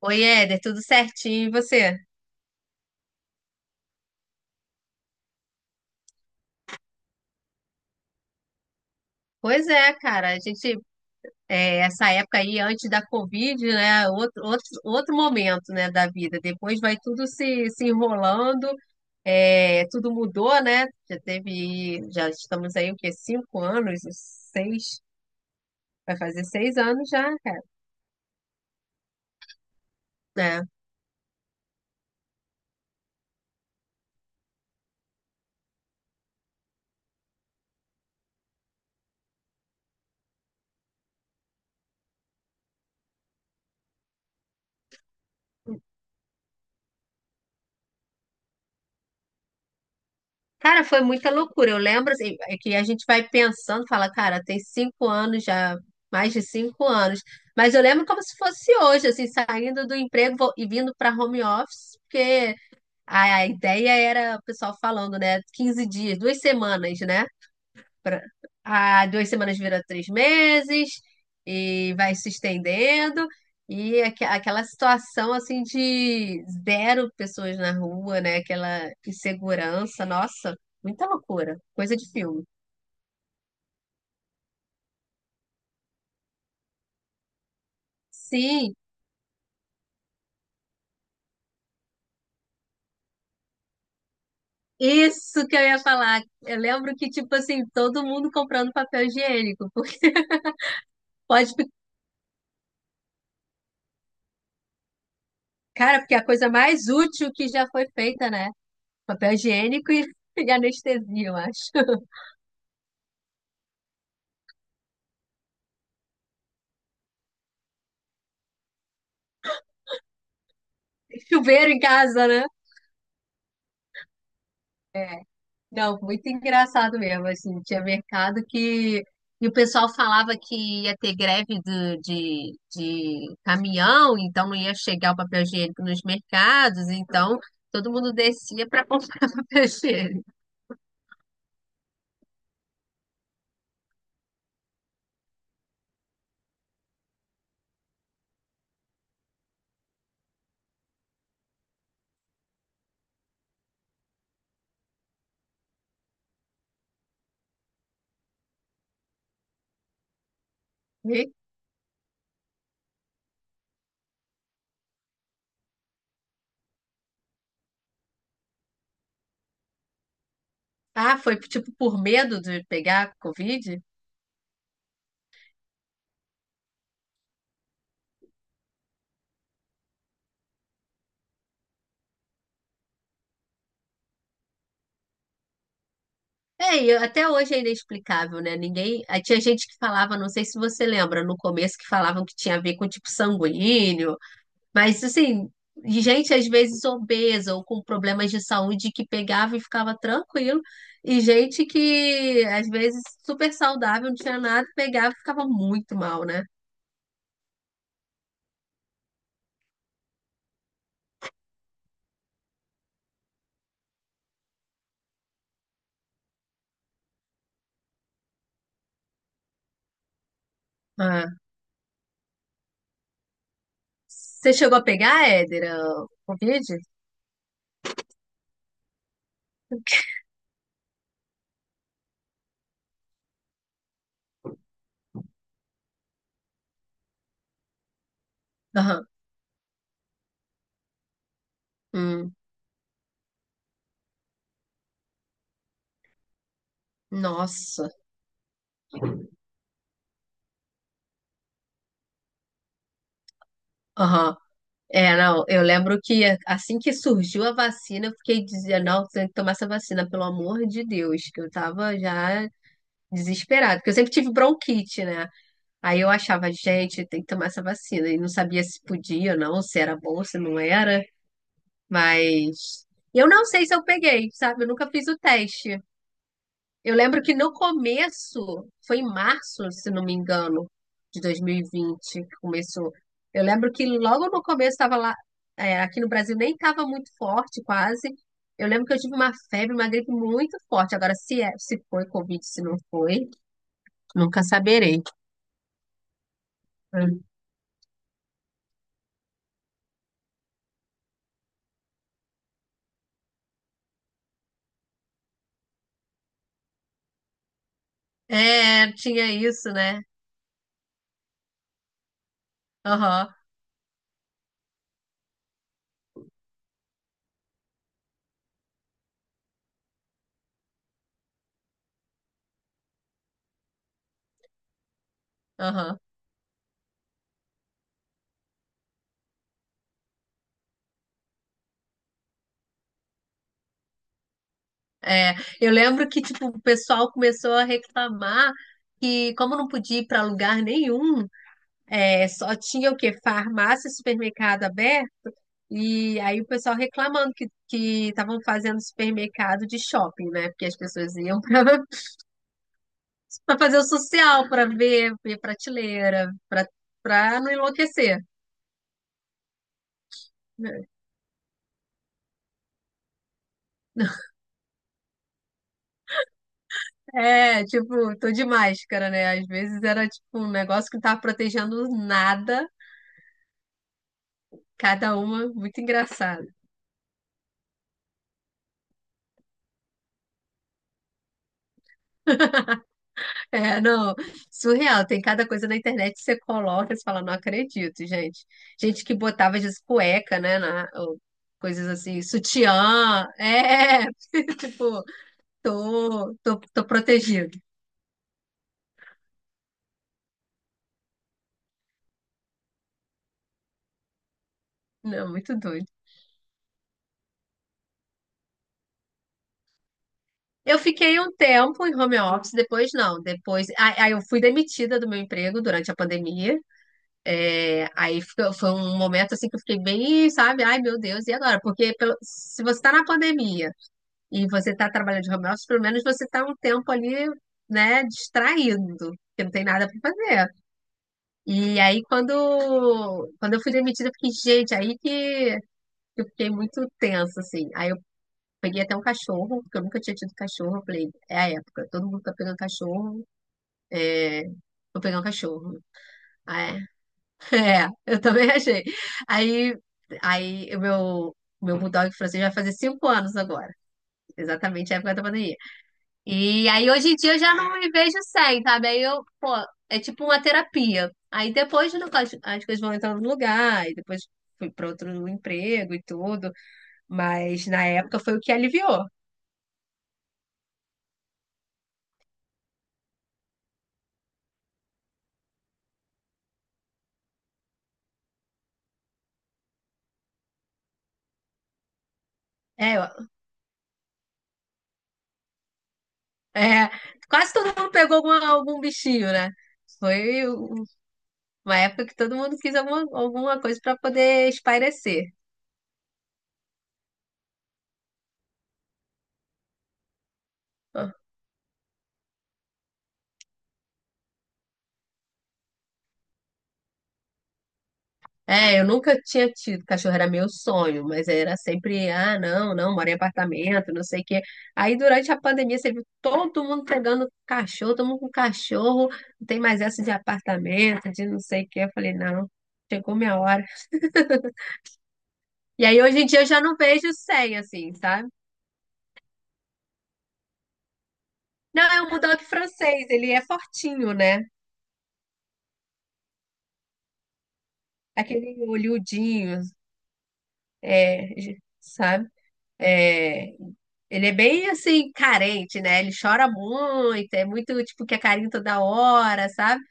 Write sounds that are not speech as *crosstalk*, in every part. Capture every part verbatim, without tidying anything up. Oi, Éder, tudo certinho, e você? Pois é, cara, a gente, é, essa época aí, antes da Covid, né, outro, outro, outro momento, né, da vida, depois vai tudo se, se enrolando, é, tudo mudou, né, já teve, já estamos aí, o quê, cinco anos, seis, vai fazer seis anos já, cara. É. Cara, foi muita loucura. Eu lembro assim, é que a gente vai pensando, fala, cara, tem cinco anos já, mais de cinco anos. Mas eu lembro como se fosse hoje, assim, saindo do emprego vo- e vindo para home office, porque a, a ideia era, o pessoal falando, né, quinze dias, duas semanas, né? pra- a duas semanas vira três meses e vai se estendendo. E aque- aquela situação assim de zero pessoas na rua, né? Aquela insegurança, nossa, muita loucura, coisa de filme. Sim, isso que eu ia falar. Eu lembro que, tipo assim, todo mundo comprando papel higiênico, porque *laughs* pode, fi- cara, porque é a coisa mais útil que já foi feita, né? Papel higiênico e, *laughs* e anestesia, eu acho. *laughs* Chuveiro em casa, né? Não, muito engraçado mesmo, assim, tinha mercado que... E o pessoal falava que ia ter greve do- de, de caminhão, então não ia chegar o papel higiênico nos mercados, então todo mundo descia para comprar *laughs* papel higiênico. E- ah, foi tipo por medo de pegar Covid? É, e até hoje é inexplicável, né? Ninguém. Aí tinha gente que falava, não sei se você lembra, no começo que falavam que tinha a ver com tipo sanguíneo. Mas assim, de gente às vezes obesa ou com problemas de saúde que pegava e ficava tranquilo, e gente que às vezes super saudável, não tinha nada, pegava e ficava muito mal, né? Ah. Você chegou a pegar, Éder, a Covid? Aham. Hum, nossa. Aham. É, não, eu lembro que assim que surgiu a vacina, eu fiquei dizendo, não, tem que tomar essa vacina, pelo amor de Deus, que eu tava já desesperada, porque eu sempre tive bronquite, né? Aí eu achava, gente, tem que tomar essa vacina. E não sabia se podia ou não, se era bom, se não era. Mas eu não sei se eu peguei, sabe? Eu nunca fiz o teste. Eu lembro que no começo, foi em março, se não me engano, de dois mil e vinte que começou. Eu lembro que logo no começo estava lá, é, aqui no Brasil nem estava muito forte, quase. Eu lembro que eu tive uma febre, uma gripe muito forte. Agora, se é, se foi Covid, se não foi, nunca saberei. É, tinha isso, né? Aham, aham. É, eu lembro que, tipo, o pessoal começou a reclamar que, como não podia ir para lugar nenhum, é, só tinha o quê? Farmácia e supermercado aberto, e aí o pessoal reclamando que que estavam fazendo supermercado de shopping, né? Porque as pessoas iam para *laughs* para fazer o social, para ver, ver prateleira, para para não enlouquecer, né? *laughs* É, tipo, tô de máscara, né? Às vezes era tipo um negócio que não tava protegendo nada. Cada uma muito engraçada. É, não, surreal. Tem cada coisa na internet que você coloca e você fala, não acredito, gente. Gente que botava às vezes cueca, né? na- ou coisas assim, sutiã. É, *laughs* tipo, tô, tô, tô protegido. Não, muito doido. Eu fiquei um tempo em home office, depois não. Depois, aí aí eu fui demitida do meu emprego durante a pandemia. É, aí fica- foi um momento assim que eu fiquei bem, sabe? Ai, meu Deus, e agora? Porque pelo- se você está na pandemia e você está trabalhando de home office, pelo menos você está um tempo ali, né, distraído, porque não tem nada para fazer. E aí, quando, quando eu fui demitida, eu fiquei, gente, aí que eu fiquei muito tensa, assim. Aí eu peguei até um cachorro, porque eu nunca tinha tido cachorro. Eu falei, é a época, todo mundo tá pegando cachorro, é, vou pegar um cachorro. Ah, é, *laughs* é, eu também achei. Aí, aí o meu, meu bulldog francês vai fazer cinco anos agora, exatamente a época da pandemia. E aí hoje em dia eu já não me vejo sem, sabe? Aí eu, pô, é tipo uma terapia. Aí depois no- as, as coisas vão entrando no lugar, e depois fui para outro emprego e tudo, mas na época foi o que aliviou. É, eu- É, quase todo mundo pegou alguma- algum bichinho, né? Foi o- uma época que todo mundo quis alguma, alguma coisa para poder espairecer. É, eu nunca tinha tido cachorro, era meu sonho, mas era sempre, ah, não, não, moro em apartamento, não sei o quê. Aí durante a pandemia você viu todo mundo pegando cachorro, todo mundo com cachorro, não tem mais essa de apartamento, de não sei o quê. Eu falei, não, chegou minha hora. E aí hoje em dia eu já não vejo sem, assim, sabe? Não, é um bulldog francês, ele é fortinho, né? Aquele olhudinho, é, sabe? É, ele é bem assim, carente, né? Ele chora muito, é muito tipo que é carinho toda hora, sabe?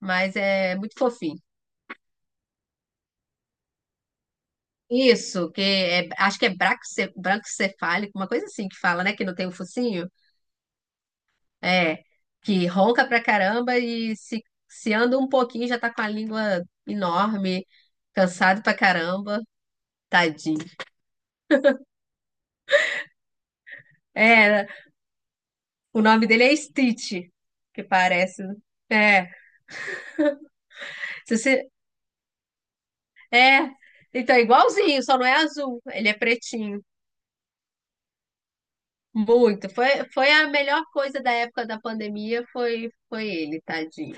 Mas é muito fofinho. Isso, que é- acho que é braquice- braquicefálico, uma coisa assim que fala, né? Que não tem o focinho. É, que ronca pra caramba e se, se anda um pouquinho já tá com a língua enorme, cansado pra caramba, tadinho. É, o nome dele é Stitch, que parece, né? É, se você- É, então é igualzinho, só não é azul, ele é pretinho. Muito. Foi, foi a melhor coisa da época da pandemia, foi foi ele, tadinho.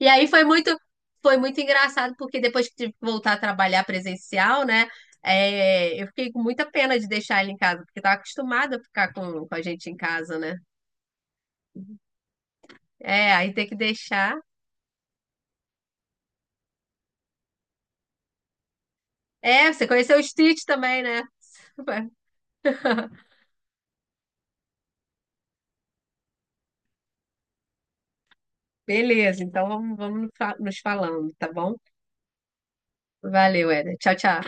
E aí foi muito foi muito engraçado porque depois que tive que voltar a trabalhar presencial, né? É, eu fiquei com muita pena de deixar ele em casa, porque estava acostumada a ficar com, com a gente em casa, né? É, aí ter que deixar. É, você conheceu o Stitch também, né? Beleza, então vamos, vamos nos fa- nos falando, tá bom? Valeu, Éder. Tchau, tchau.